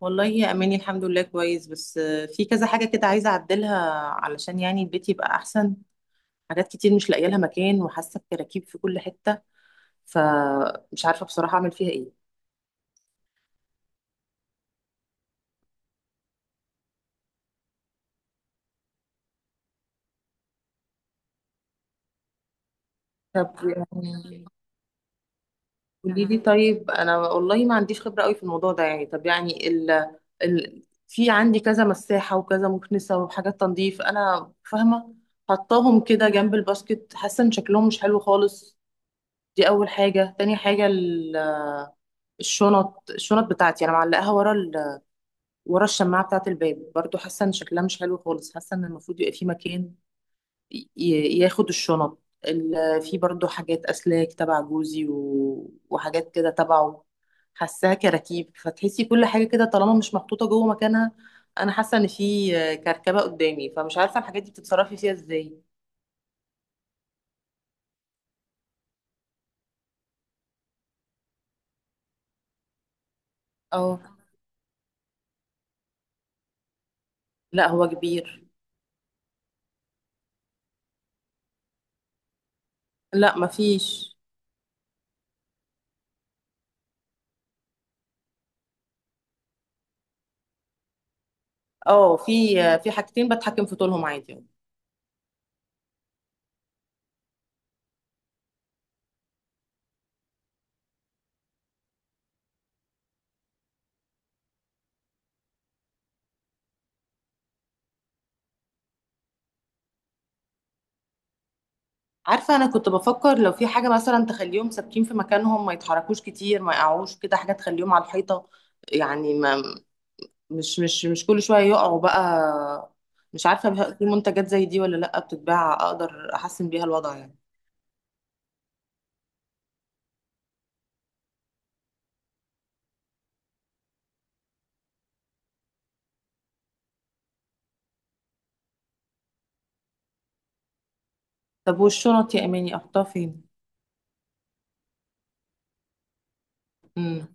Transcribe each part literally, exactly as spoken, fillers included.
والله يا اماني، الحمد لله كويس. بس آه، في كذا حاجه كده عايزه اعدلها، علشان يعني البيت يبقى احسن. حاجات كتير مش لاقيه لها مكان، وحاسه بكراكيب في كل حته، فمش عارفه بصراحه اعمل فيها ايه. طب يعني قولي لي، طيب انا والله ما عنديش خبره قوي في الموضوع ده. يعني طب يعني ال ال في عندي كذا مساحه وكذا مكنسه وحاجات تنظيف، انا فاهمه، حطاهم كده جنب الباسكت، حاسه ان شكلهم مش حلو خالص. دي اول حاجه. تاني حاجه، الشنط الشنط بتاعتي انا معلقاها ورا ال... ورا الشماعه بتاعه الباب، برضو حاسه ان شكلها مش حلو خالص، حاسه ان المفروض يبقى في مكان ي... ي- ياخد الشنط. ال... في برضو حاجات اسلاك تبع جوزي و... وحاجات كده تبعه، حاساها كراكيب، فتحسي كل حاجه كده طالما مش محطوطه جوه مكانها. انا حاسه ان في كركبه قدامي، فمش عارفه الحاجات دي بتتصرفي فيها ازاي. اه، لا هو كبير. لا مفيش. اه، في. في حاجتين بتحكم في طولهم عادي. عارفة، أنا كنت بفكر لو في حاجة مثلا تخليهم ثابتين في مكانهم، ما يتحركوش كتير، ما يقعوش كده، حاجة تخليهم على الحيطة. يعني ما مش مش مش كل شوية يقعوا بقى. مش عارفة بقى في منتجات زي دي ولا لأ بتتباع، أقدر أحسن بيها الوضع يعني. طب والشنط يا إماني أحطها فين؟ امم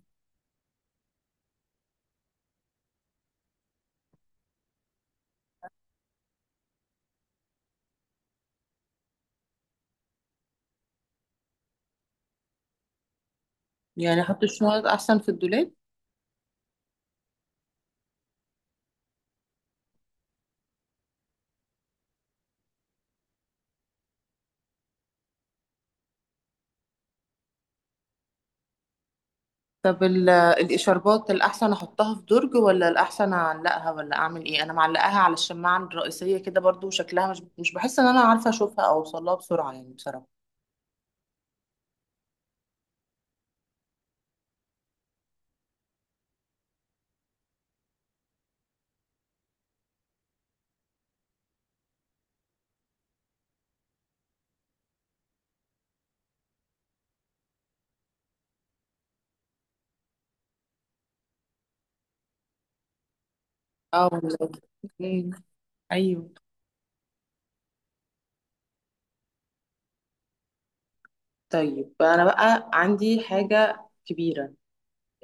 يعني أحط الشنط أحسن في الدولاب. طب ال- الاشاربات الاحسن احطها في درج ولا الاحسن اعلقها ولا اعمل ايه؟ انا معلقاها على الشماعه الرئيسيه كده، برضو شكلها مش مش بحس ان انا عارفه اشوفها او اوصلها بسرعه يعني بصراحه. اه والله. أمم، ايوه. طيب انا بقى عندي حاجه كبيره.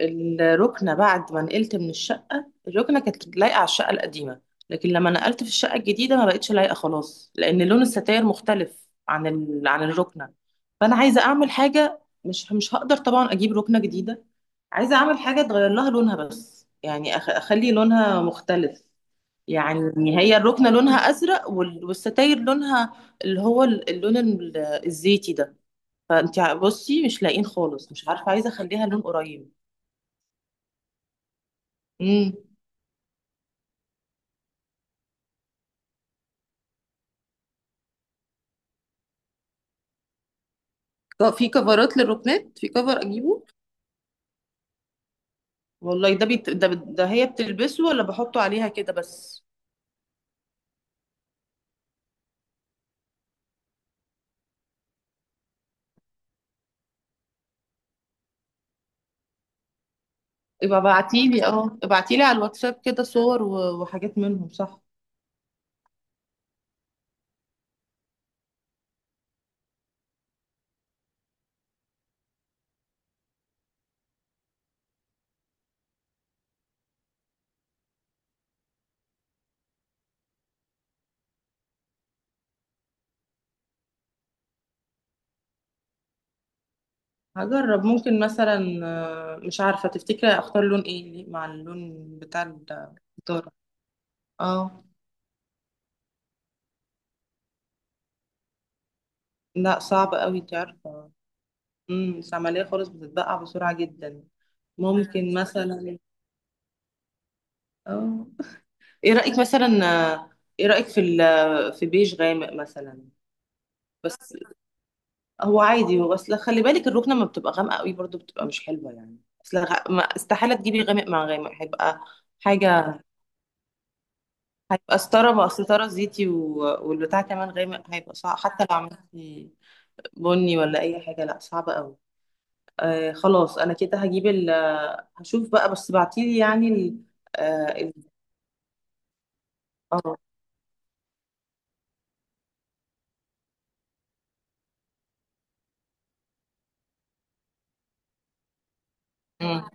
الركنة بعد ما نقلت من الشقة، الركنة كانت لايقة على الشقة القديمة، لكن لما نقلت في الشقة الجديدة ما بقتش لايقة خلاص، لأن لون الستاير مختلف عن ال... عن الركنة. فأنا عايزة أعمل حاجة. مش مش هقدر طبعا أجيب ركنة جديدة، عايزة أعمل حاجة تغير لها لونها، بس يعني أخ... أخلي لونها مختلف. يعني هي الركنة لونها أزرق وال- والستاير لونها، اللي هو ال- اللون ال- الزيتي ده. فأنت بصي مش لاقين خالص، مش عارفة، عايزة أخليها لون قريب. ك- في كفرات للركنات؟ في كفر اجيبه؟ والله ده بيت... ده, ده هي بتلبسه ولا بحطه عليها كده بس؟ يبقى ابعتيلي، اه ابعتيلي على الواتساب كده صور و- وحاجات منهم، صح. هجرب. ممكن مثلا آه، مش عارفة، تفتكري اختار لون ايه مع اللون بتاع الدار؟ اه. لا صعب قوي، انت عارفة. امم العملية خالص بتتبقع بسرعة جدا. ممكن مثلا. اه. ايه رأيك مثلا، آه، ايه رأيك في ال... في بيج غامق مثلا؟ بس هو عادي، هو اصل خلي بالك الركنه ما بتبقى غامقه قوي برضو بتبقى مش حلوه يعني. اصل غ... ما استحاله تجيبي غامق مع غامق، هيبقى حاجه. هيبقى استاره، بقى استاره زيتي و... والبتاع كمان غامق، هيبقى صعب حتى لو عملتي بني ولا اي حاجه، لا صعبه قوي. آه خلاص، انا كده هجيب ال... هشوف بقى، بس بعتيلي يعني ال... آه ال... اه. مم.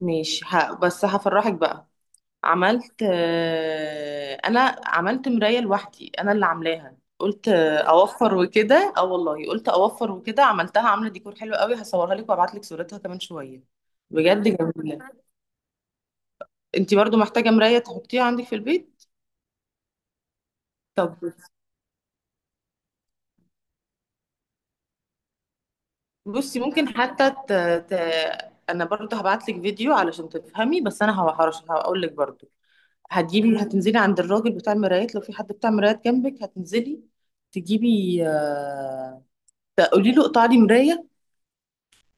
ماشي ه... بس هفرحك بقى. عملت، آه، انا عملت مرايه لوحدي، انا اللي عاملاها، قلت آه، اوفر وكده. اه والله، قلت اوفر وكده، عملتها، عامله ديكور حلو قوي، هصورها لك وابعت لك صورتها كمان شويه. بجد جميله. انت برضو محتاجه مرايه تحطيها عندك في البيت. طب بصي، ممكن حتى ت... ت... انا برضو هبعت لك فيديو علشان تفهمي، بس انا هحرش هقول لك برضو. هتجيبي، هتنزلي عند الراجل بتاع المرايات، لو في حد بتاع مرايات جنبك، هتنزلي تجيبي، آه، فقولي له اقطع لي مرايه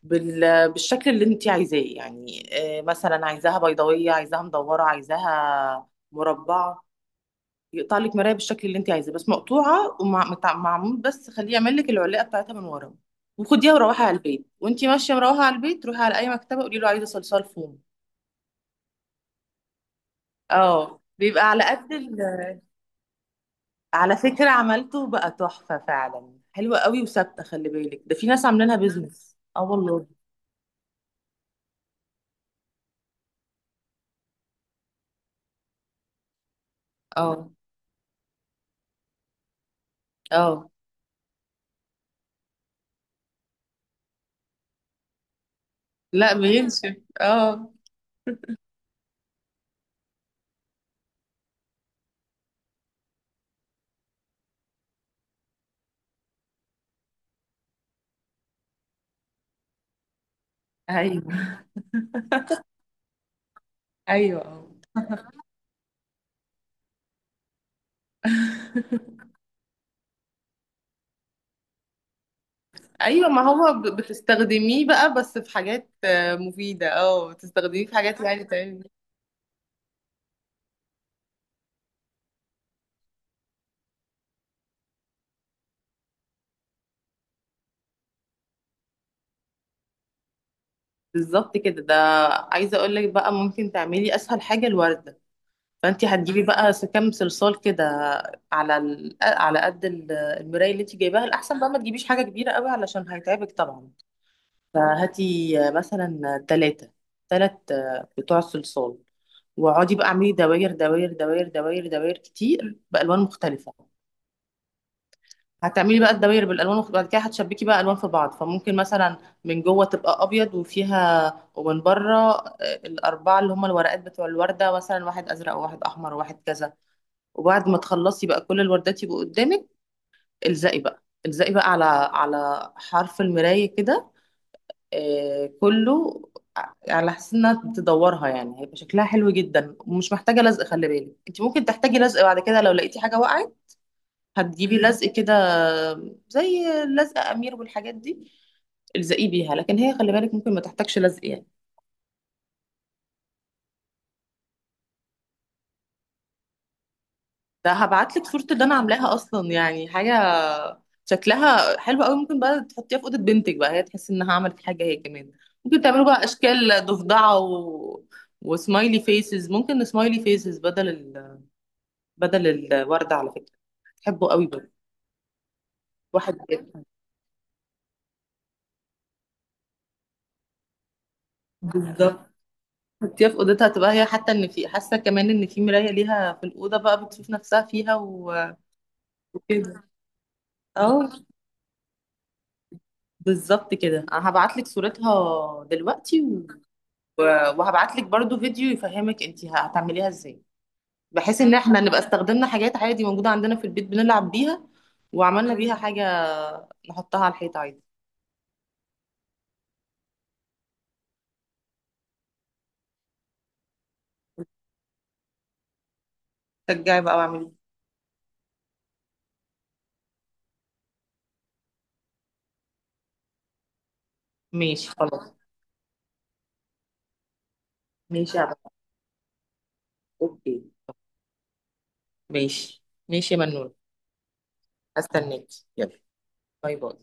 بال- بالشكل اللي انت عايزاه يعني. آه، مثلا عايزاها بيضاويه، عايزاها مدوره، عايزاها مربعه. يقطع لك مرايه بالشكل اللي انت عايزاه بس مقطوعه ومعمول، بس خليه يعمل لك العلاقه بتاعتها من ورا. وخديها وروحي على البيت، وانت ماشيه مروحه على البيت، روحي على اي مكتبه قولي له عايزه صلصال فوم. اه بيبقى على قد ال... على فكره عملته بقى تحفه فعلا، حلوه قوي وثابته، خلي بالك ده في ناس عاملينها بيزنس، اه والله. اه. اه، لا بينشف. اه. ايوه. ايوه. اه ايوه، ما هو ب- بتستخدميه بقى، بس في حاجات آه، مفيده، اه بتستخدميه في حاجات يعني تعمل. بالظبط كده، ده عايزه اقول لك بقى ممكن تعملي اسهل حاجه الورده. فانت هتجيبي بقى س- كام صلصال كده، على ال... على قد ال- المرايه اللي انت جايباها. الاحسن بقى ما تجيبيش حاجه كبيره قوي علشان هيتعبك طبعا. فهاتي آه، مثلا ثلاثه ثلاث بتوع الصلصال. واقعدي بقى اعملي دواير دواير دواير دواير دواير كتير بالوان مختلفه. هتعملي بقى الدواير بالالوان المخت- بعد كده هتشبكي بقى الوان في بعض، فممكن مثلا من جوه تبقى ابيض وفيها، ومن بره آه، الاربعه اللي هم الورقات بتوع الورده، مثلا واحد ازرق وواحد احمر وواحد كذا. وبعد ما تخلصي بقى كل الوردات يبقوا قدامك، الزقي بقى الزقي بقى على على حرف المرايه كده، آه، كله على حسب انها تدورها يعني. هيبقى شكلها حلو جدا، ومش محتاجه لزق. خلي بالك انت ممكن تحتاجي لزق بعد كده لو لقيتي حاجه وقعت. هتجيبي لزق كده، زي لزق امير والحاجات دي، الزقيه بيها. لكن هي خلي بالك ممكن ما تحتاجش لزق يعني. ده هبعت لك صوره اللي انا عاملاها اصلا، يعني حاجه شكلها حلو قوي. ممكن بقى تحطيها في اوضه بنتك، بقى هي تحس انها عملت حاجه هي كمان. ممكن تعملوا بقى اشكال ضفدعه و... وسمايلي فيسز، ممكن سمايلي فيسز بدل بدل الورد على فكرة. بحبه قوي برضه. واحد. بالظبط. حطيها في اوضتها، تبقى هي حتى ان في حاسه كمان ان في مرايه ليها في الاوضه، بقى بتشوف نفسها فيها و- وكده. اه بالظبط كده، انا هبعت لك صورتها دلوقتي و... وهبعت لك برضو فيديو يفهمك انت هتعمليها ازاي، بحيث ان احنا نبقى استخدمنا حاجات عادي موجوده عندنا في البيت بنلعب بيها وعملنا بيها حاجه نحطها على الحيط عادي. شجعي بقى واعملي. ماشي خلاص. ماشي يا بابا. اوكي. ماشي ماشي يا منون. استناك. يلا. باي باي.